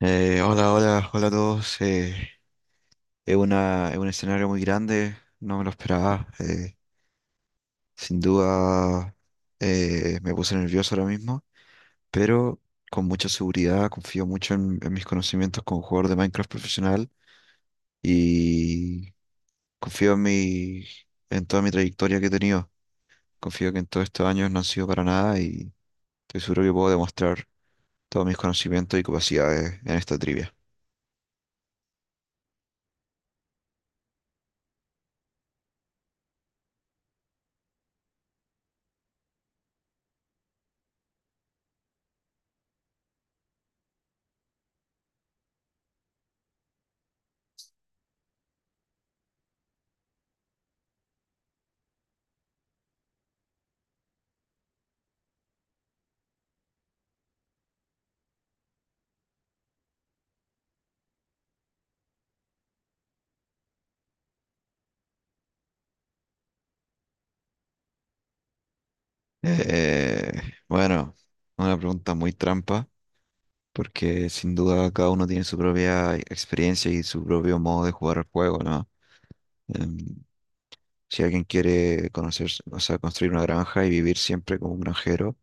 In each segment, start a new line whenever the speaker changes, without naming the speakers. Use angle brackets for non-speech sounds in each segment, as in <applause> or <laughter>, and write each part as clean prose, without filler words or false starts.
Hola, hola, hola a todos. Es es un escenario muy grande, no me lo esperaba. Sin duda, me puse nervioso ahora mismo, pero con mucha seguridad, confío mucho en mis conocimientos como jugador de Minecraft profesional, y confío en mi, en toda mi trayectoria que he tenido. Confío que en todos estos años no han sido para nada, y estoy seguro que puedo demostrar todos mis conocimientos y capacidades en esta trivia. Eh, bueno, una pregunta muy trampa, porque sin duda cada uno tiene su propia experiencia y su propio modo de jugar al juego, ¿no? Em, si alguien quiere conocer, o sea, construir una granja y vivir siempre como un granjero,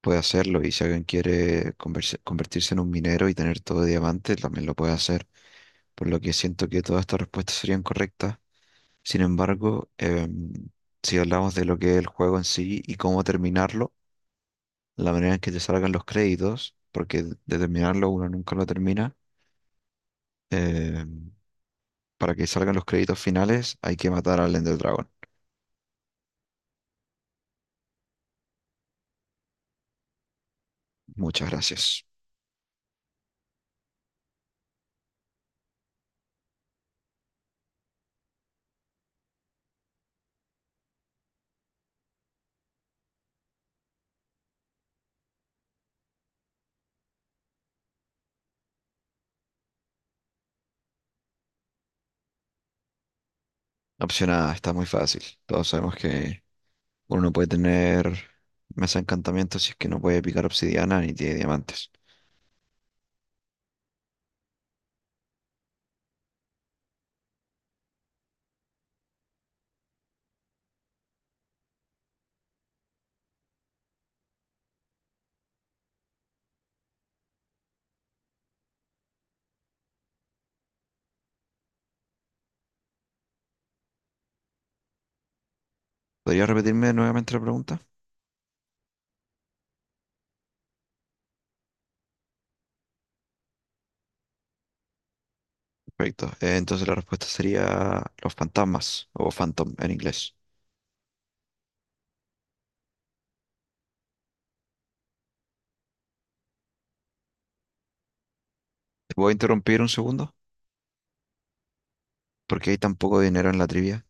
puede hacerlo. Y si alguien quiere convertirse en un minero y tener todo de diamante, también lo puede hacer. Por lo que siento que todas estas respuestas serían correctas. Sin embargo, si hablamos de lo que es el juego en sí y cómo terminarlo, la manera en que te salgan los créditos, porque de terminarlo uno nunca lo termina, em, para que salgan los créditos finales, hay que matar al Ender Dragon. Muchas gracias. Opción A, está muy fácil. Todos sabemos que uno no puede tener mesa de encantamiento si es que no puede picar obsidiana ni tiene diamantes. ¿Podría repetirme nuevamente la pregunta? Perfecto. Entonces la respuesta sería los fantasmas o phantom en inglés. ¿Te puedo interrumpir un segundo? Porque hay tan poco dinero en la trivia.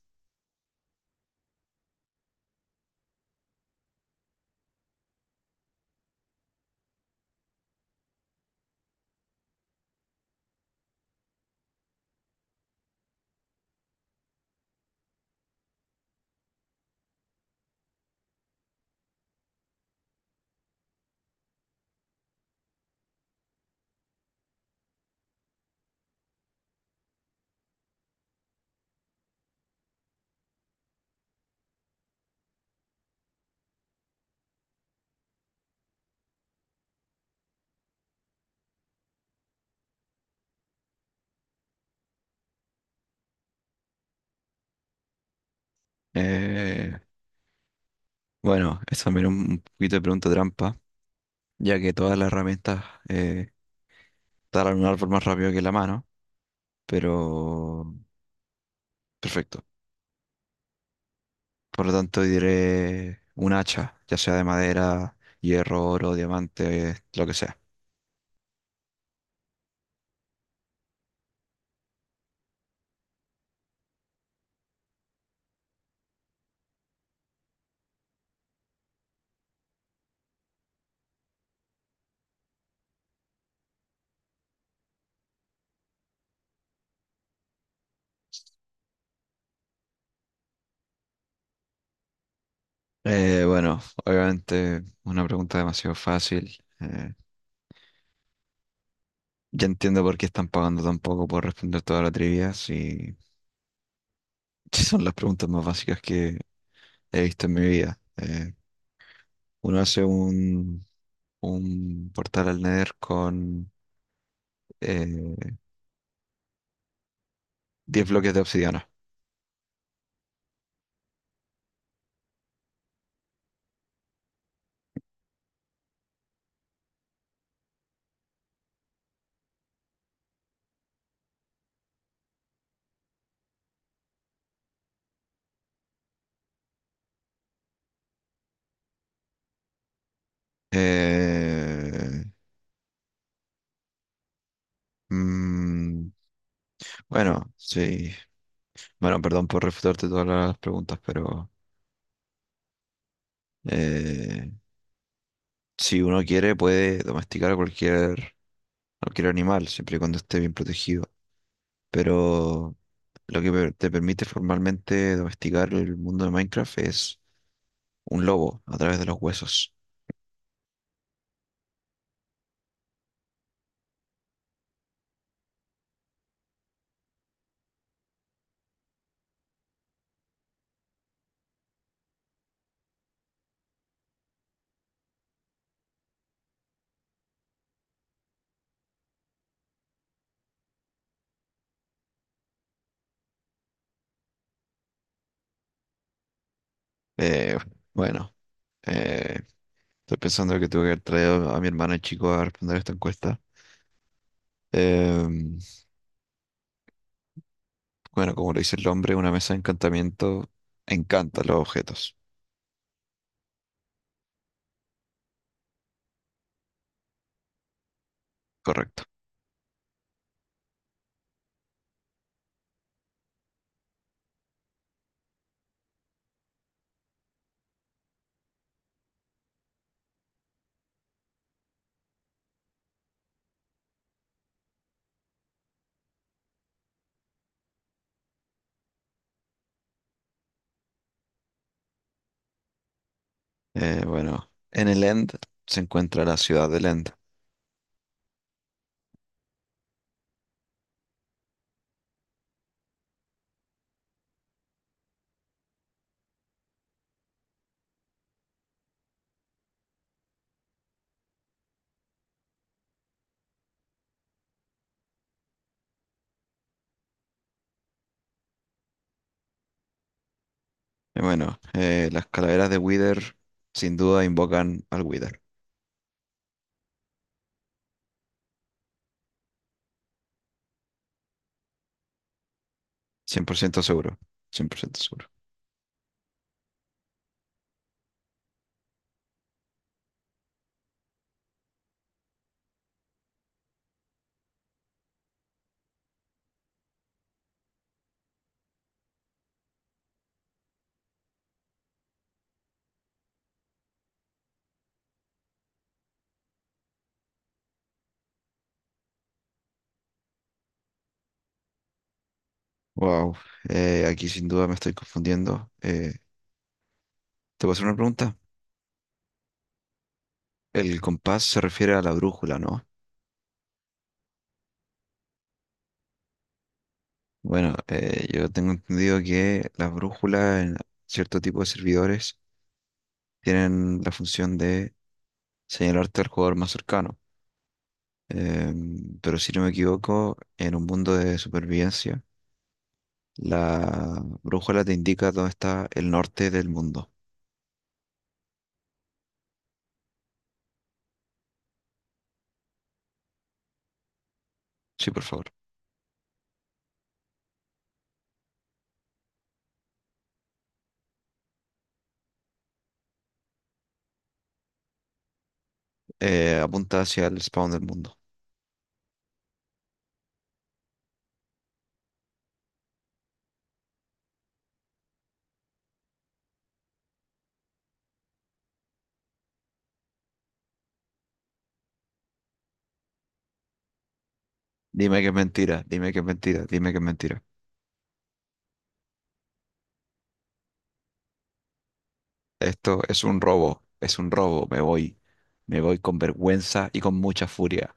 Eh, bueno, es también un poquito de pregunta trampa, ya que todas las herramientas eh, talan un árbol más rápido que la mano, pero perfecto. Por lo tanto, diré un hacha, ya sea de madera, hierro, oro, diamante, lo que sea. Bueno, obviamente una pregunta demasiado fácil. Ya entiendo por qué están pagando tan poco por responder toda la trivia, si <laughs> si son las preguntas más básicas que he visto en mi vida. Uno hace un portal al Nether con eh, 10 bloques de obsidiana. Eh, Mm, bueno, sí. Bueno, perdón por refutarte todas las preguntas, pero eh, si uno quiere puede domesticar a cualquier animal, siempre y cuando esté bien protegido. Pero lo que te permite formalmente domesticar el mundo de Minecraft es un lobo a través de los huesos. Eh, bueno, eh, Estoy pensando que tuve que haber traído a mi hermano chico a responder esta encuesta. Em, Bueno, como lo dice el nombre, una mesa de encantamiento encanta los objetos. Correcto. Bueno, en el End se encuentra la ciudad del End. Y bueno, las calaveras de Wither sin duda invocan al Wither. 100% seguro. 100% seguro. Wow. Aquí sin duda me estoy confundiendo. ¿Te puedo hacer una pregunta? El compás se refiere a la brújula, ¿no? Bueno, yo tengo entendido que las brújulas en cierto tipo de servidores tienen la función de señalarte al jugador más cercano. Pero si no me equivoco, en un mundo de supervivencia, la brújula te indica dónde está el norte del mundo. Sí, por favor. Apunta hacia el spawn del mundo. Dime que es mentira, dime que es mentira, dime que es mentira. Esto es un robo, es un robo. Me voy con vergüenza y con mucha furia.